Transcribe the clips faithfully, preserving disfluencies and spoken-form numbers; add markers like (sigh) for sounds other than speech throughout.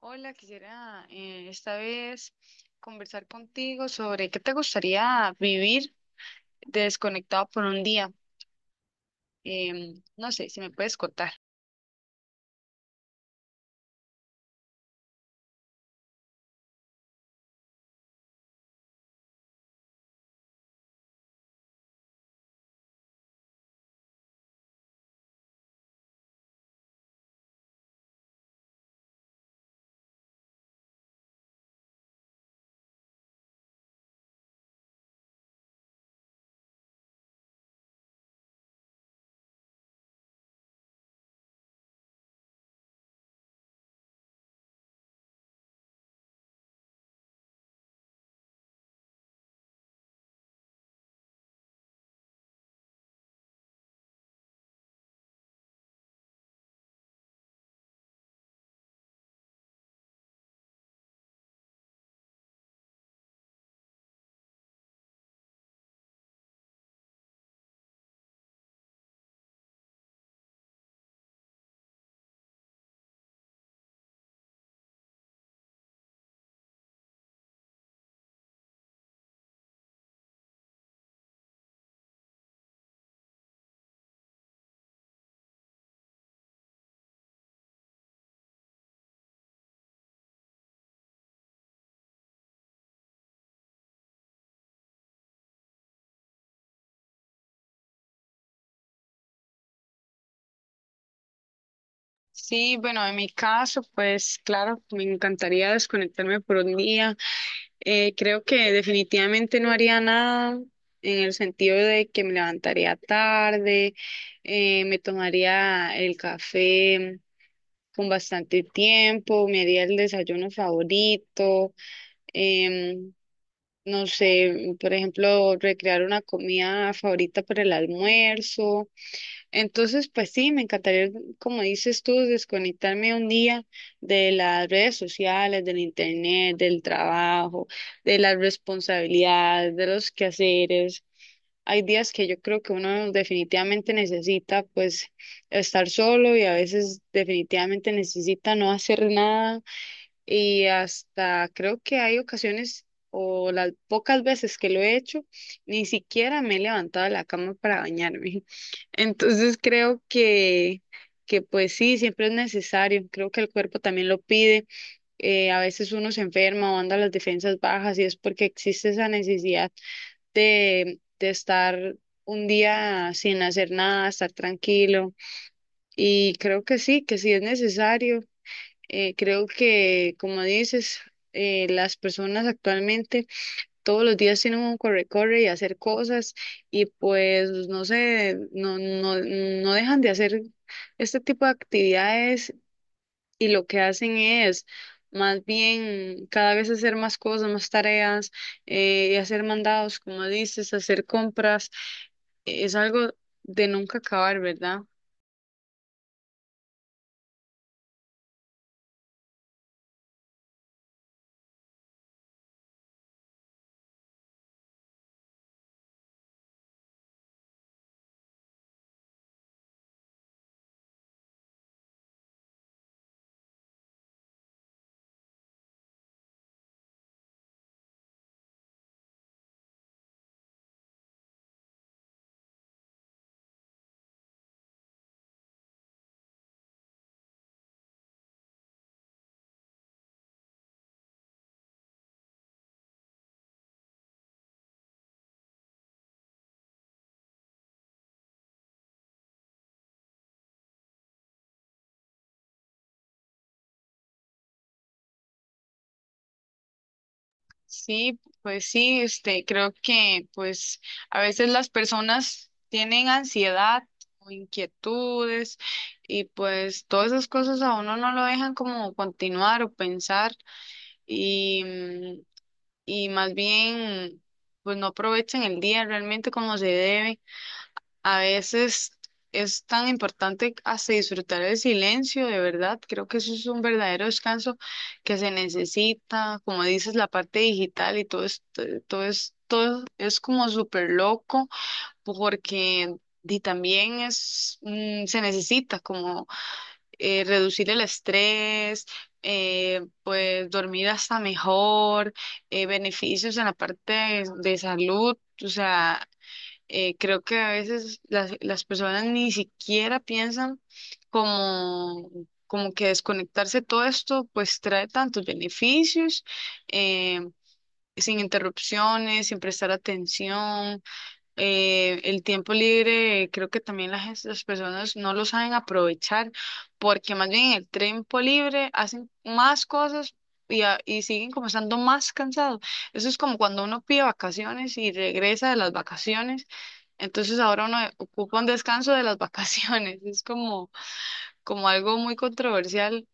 Hola, quisiera eh, esta vez conversar contigo sobre qué te gustaría vivir desconectado por un día. Em, no sé si me puedes contar. Sí, bueno, en mi caso, pues claro, me encantaría desconectarme por un día. Eh, creo que definitivamente no haría nada en el sentido de que me levantaría tarde, eh, me tomaría el café con bastante tiempo, me haría el desayuno favorito, em, no sé, por ejemplo, recrear una comida favorita para el almuerzo. Entonces, pues sí, me encantaría, como dices tú, desconectarme un día de las redes sociales, del internet, del trabajo, de las responsabilidades, de los quehaceres. Hay días que yo creo que uno definitivamente necesita pues estar solo, y a veces definitivamente necesita no hacer nada. Y hasta creo que hay ocasiones o las pocas veces que lo he hecho, ni siquiera me he levantado de la cama para bañarme. (laughs) Entonces creo que, que pues sí, siempre es necesario, creo que el cuerpo también lo pide. Eh, a veces uno se enferma o anda las defensas bajas, y es porque existe esa necesidad de, de estar un día sin hacer nada, estar tranquilo. Y creo que sí, que sí es necesario. Eh, creo que, como dices, eh, las personas actualmente todos los días tienen un corre-corre y hacer cosas. Y pues no sé, no, no, no dejan de hacer este tipo de actividades, y lo que hacen es más bien cada vez hacer más cosas, más tareas, eh, y hacer mandados, como dices, hacer compras. Es algo de nunca acabar, ¿verdad? Sí, pues sí, este, creo que pues a veces las personas tienen ansiedad o inquietudes, y pues todas esas cosas a uno no lo dejan como continuar o pensar. y, mm, y más bien pues no aprovechan el día realmente como se debe. A veces es tan importante hasta disfrutar el silencio, de verdad. Creo que eso es un verdadero descanso que se necesita. Como dices, la parte digital y todo es, todo es, todo es como súper loco porque. Y también es, mm, se necesita como eh, reducir el estrés, eh, pues dormir hasta mejor, eh, beneficios en la parte de de salud. O sea, eh, creo que a veces las, las personas ni siquiera piensan como, como que desconectarse de todo esto pues trae tantos beneficios, eh, sin interrupciones, sin prestar atención. Eh, el tiempo libre, creo que también las, gen- las personas no lo saben aprovechar, porque más bien en el tiempo libre hacen más cosas. Y, a- y siguen como estando más cansados. Eso es como cuando uno pide vacaciones y regresa de las vacaciones, entonces ahora uno ocupa un descanso de las vacaciones. (laughs) Es como, como algo muy controversial.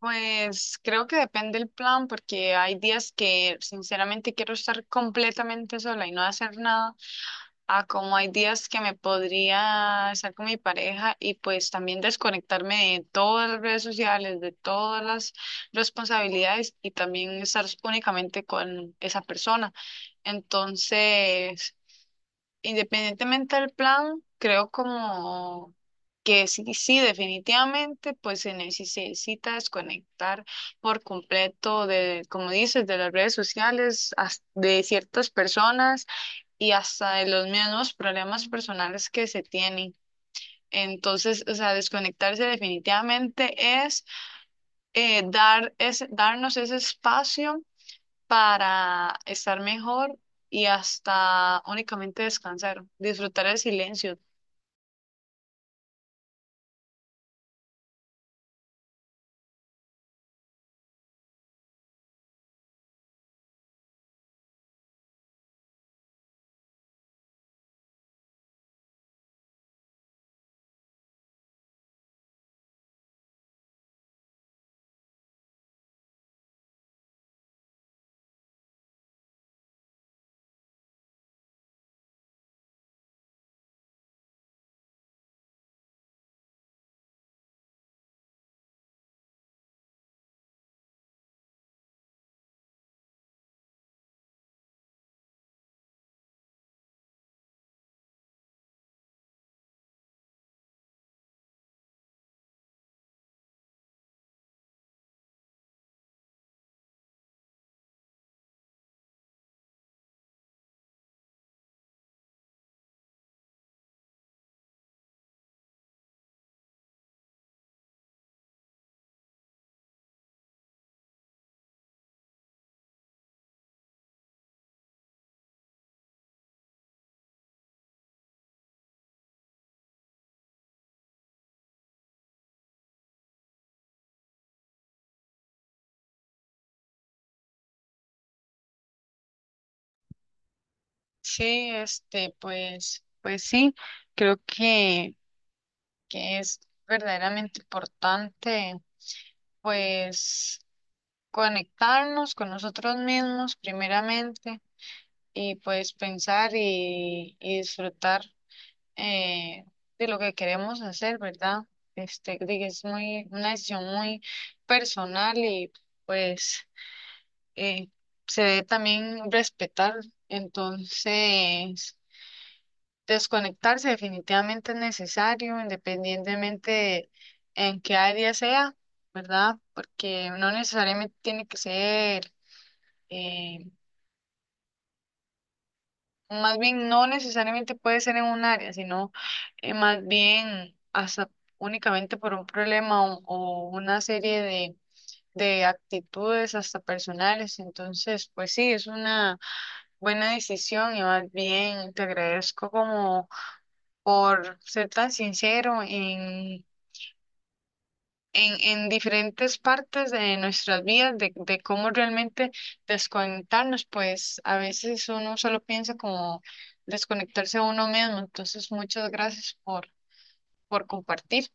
Pues creo que depende el plan, porque hay días que sinceramente quiero estar completamente sola y no hacer nada, a como hay días que me podría estar con mi pareja y pues también desconectarme de todas las redes sociales, de todas las responsabilidades, y también estar únicamente con esa persona. Entonces... Independientemente del plan, creo como que sí, sí, definitivamente, pues se necesita desconectar por completo de, como dices, de las redes sociales, as- de ciertas personas y hasta de los mismos problemas personales que se tienen. Entonces, o sea, desconectarse definitivamente es eh, dar ese- darnos ese espacio para estar mejor y hasta únicamente descansar, disfrutar el silencio. Sí, este, pues, pues sí, creo que, que es verdaderamente importante, pues, conectarnos con nosotros mismos primeramente, y pues pensar y, y disfrutar, eh, de lo que queremos hacer, ¿verdad? Este, de que es muy, una decisión muy personal, y pues eh, se debe también respetar. Entonces, desconectarse definitivamente es necesario, independientemente de en qué área sea, ¿verdad? Porque no necesariamente tiene que ser, eh, más bien no necesariamente puede ser en un área, sino eh, más bien hasta únicamente por un problema o, o una serie de, de actitudes hasta personales. Entonces, pues sí, es una buena decisión, y más bien te agradezco como por ser tan sincero en en, en diferentes partes de nuestras vidas, de, de cómo realmente desconectarnos, pues a veces uno solo piensa como desconectarse a uno mismo. Entonces, muchas gracias por, por compartir.